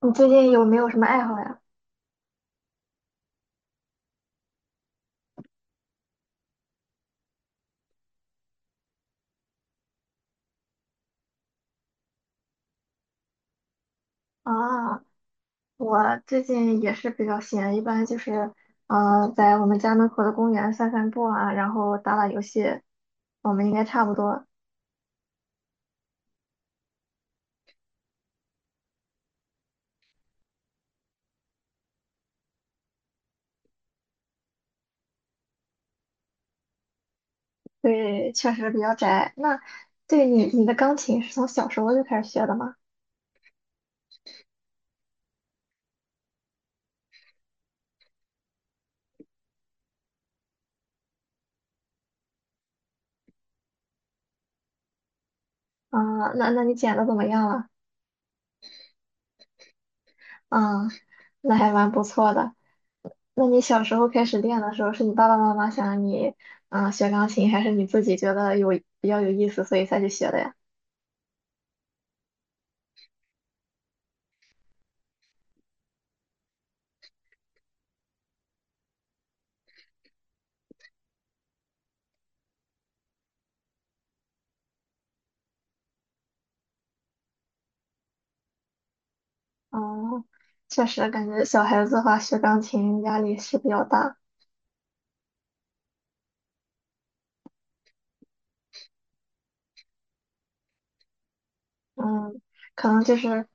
你最近有没有什么爱好呀？啊，我最近也是比较闲，一般就是在我们家门口的公园散散步啊，然后打打游戏，我们应该差不多。对，确实比较宅。那，对，你的钢琴是从小时候就开始学的吗？啊，那你剪的怎么样了？啊，那还蛮不错的。那你小时候开始练的时候，是你爸爸妈妈想让你学钢琴，还是你自己觉得有比较有意思，所以才去学的呀？哦，确实感觉小孩子的话学钢琴压力是比较大。嗯，可能就是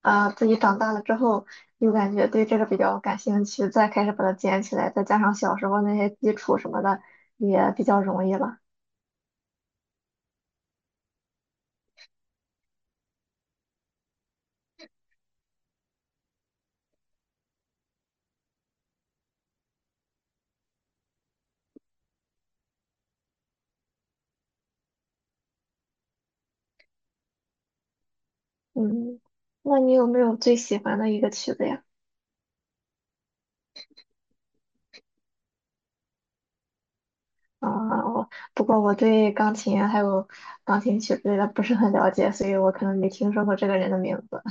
啊、自己长大了之后又感觉对这个比较感兴趣，再开始把它捡起来，再加上小时候那些基础什么的也比较容易了。嗯，那你有没有最喜欢的一个曲子呀？啊、我不过我对钢琴还有钢琴曲之类的不是很了解，所以我可能没听说过这个人的名字。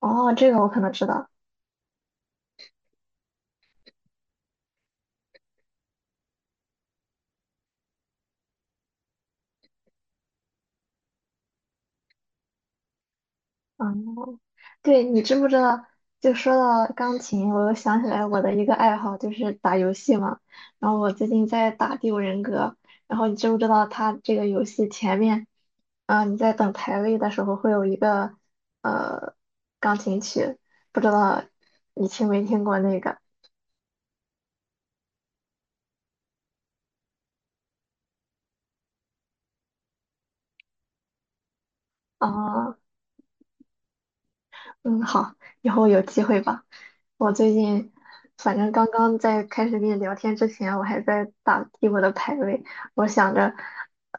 哦，这个我可能知道。哦，对，你知不知道？就说到钢琴，我又想起来我的一个爱好就是打游戏嘛。然后我最近在打《第五人格》，然后你知不知道它这个游戏前面，啊、你在等排位的时候会有一个呃钢琴曲，不知道你听没听过那个啊？哦嗯，好，以后有机会吧。我最近，反正刚刚在开始跟你聊天之前，我还在打帝国的排位。我想着，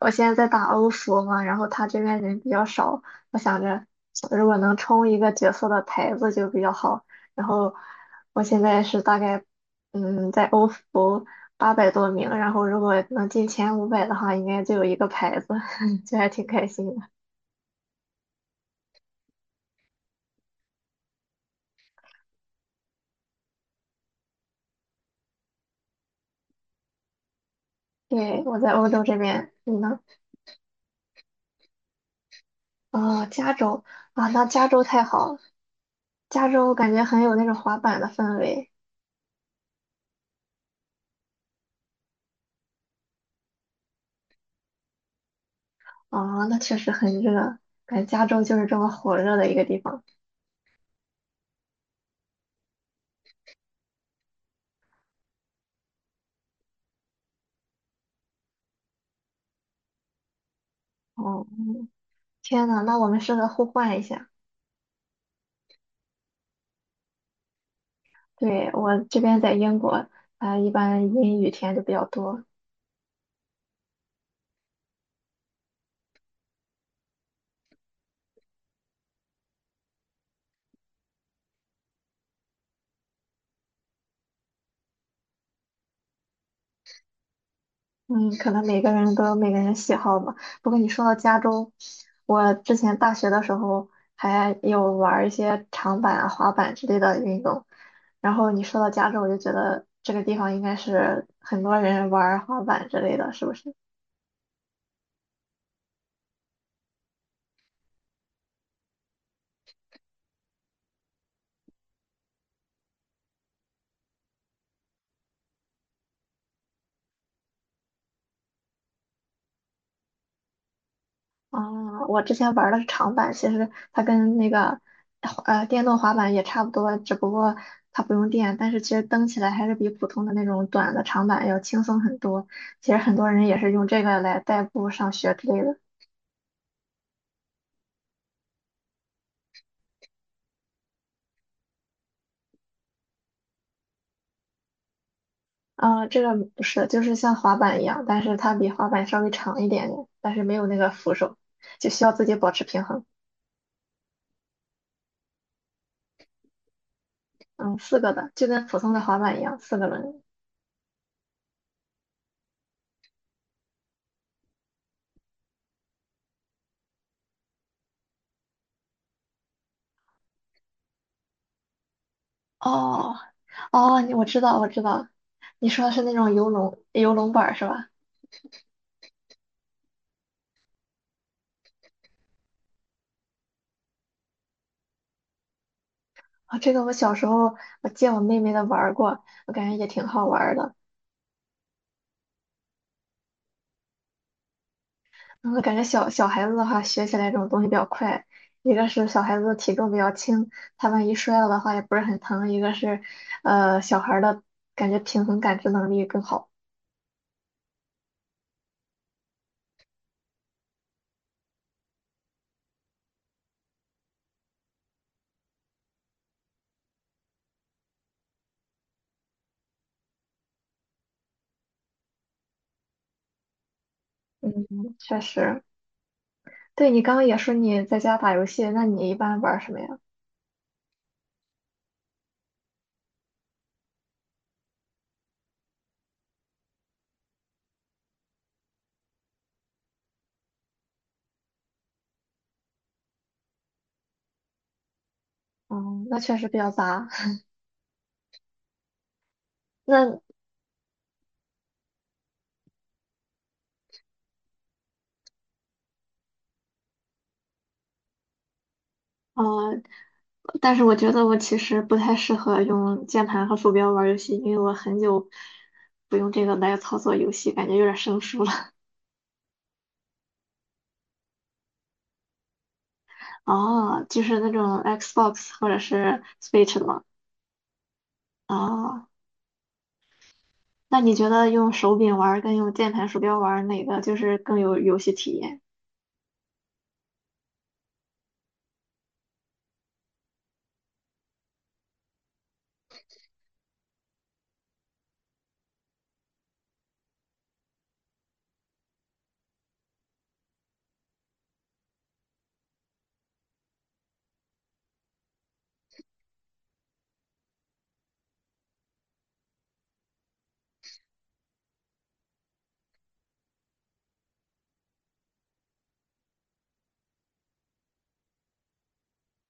我现在在打欧服嘛，然后他这边人比较少，我想着如果能冲一个角色的牌子就比较好。然后我现在是大概，在欧服800多名，然后如果能进前500的话，应该就有一个牌子，就还挺开心的。对，我在欧洲这边，你呢？哦，加州啊，那加州太好了，加州感觉很有那种滑板的氛围啊，那确实很热，感觉加州就是这么火热的一个地方。哦，天呐，那我们适合互换一下。对，我这边在英国，啊、一般阴雨天就比较多，嗯，可能每个人都有每个人喜好吧。不过你说到加州，我之前大学的时候还有玩儿一些长板啊、滑板之类的运动。然后你说到加州，我就觉得这个地方应该是很多人玩儿滑板之类的，是不是？啊，我之前玩的是长板，其实它跟那个电动滑板也差不多，只不过它不用电，但是其实蹬起来还是比普通的那种短的长板要轻松很多。其实很多人也是用这个来代步上学之类的。啊，这个不是，就是像滑板一样，但是它比滑板稍微长一点点，但是没有那个扶手，就需要自己保持平衡。嗯，四个的，就跟普通的滑板一样，四个轮。哦，哦，我知道，我知道，你说的是那种游龙板儿是吧？啊、这个我小时候我借我妹妹的玩儿过，我感觉也挺好玩儿的。嗯，我感觉小孩子的话学起来这种东西比较快，一个是小孩子的体重比较轻，他万一摔了的话也不是很疼；一个是，小孩儿的感觉平衡感知能力更好。嗯，确实。对，你刚刚也说你在家打游戏，那你一般玩儿什么呀？嗯，那确实比较杂。那，嗯，呃但是我觉得我其实不太适合用键盘和鼠标玩游戏，因为我很久不用这个来操作游戏，感觉有点生疏了。哦，就是那种 Xbox 或者是 Switch 的吗？哦，那你觉得用手柄玩儿跟用键盘鼠标玩儿哪个就是更有游戏体验？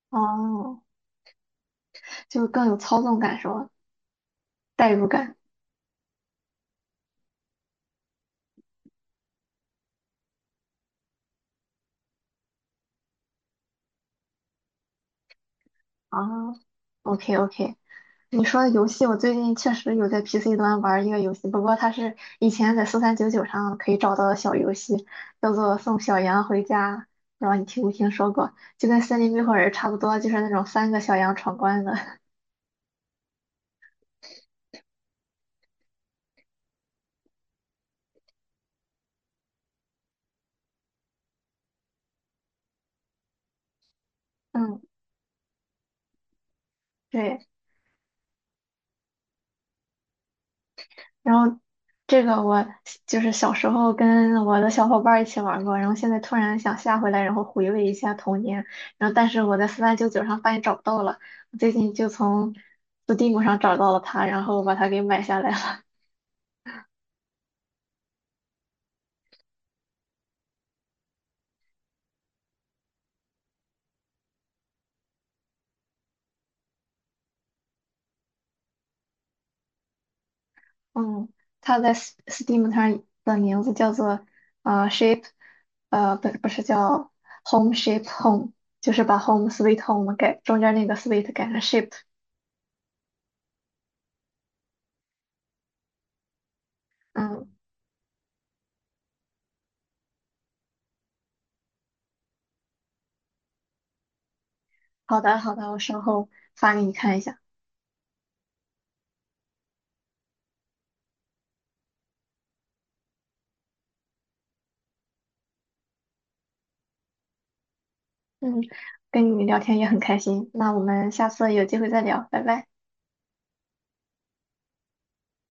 哦，就更有操纵感是吧？代入感。啊 o k OK。你说的游戏，我最近确实有在 PC 端玩一个游戏，不过它是以前在四三九九上可以找到的小游戏，叫做《送小羊回家》，不知道你听没听说过？就跟《森林冰火人》差不多，就是那种三个小羊闯关的。嗯，对。然后这个我就是小时候跟我的小伙伴儿一起玩过，然后现在突然想下回来，然后回味一下童年。然后但是我在四三九九上发现找不到了，我最近就从 Steam 上找到了它，然后把它给买下来了。嗯，它在 Steam 上的名字叫做Shape，不是叫 Home Shape Home，就是把 Home Sweet Home 改中间那个 Sweet 改成 Shape。嗯，好的好的，我稍后发给你看一下。嗯，跟你聊天也很开心，那我们下次有机会再聊，拜拜。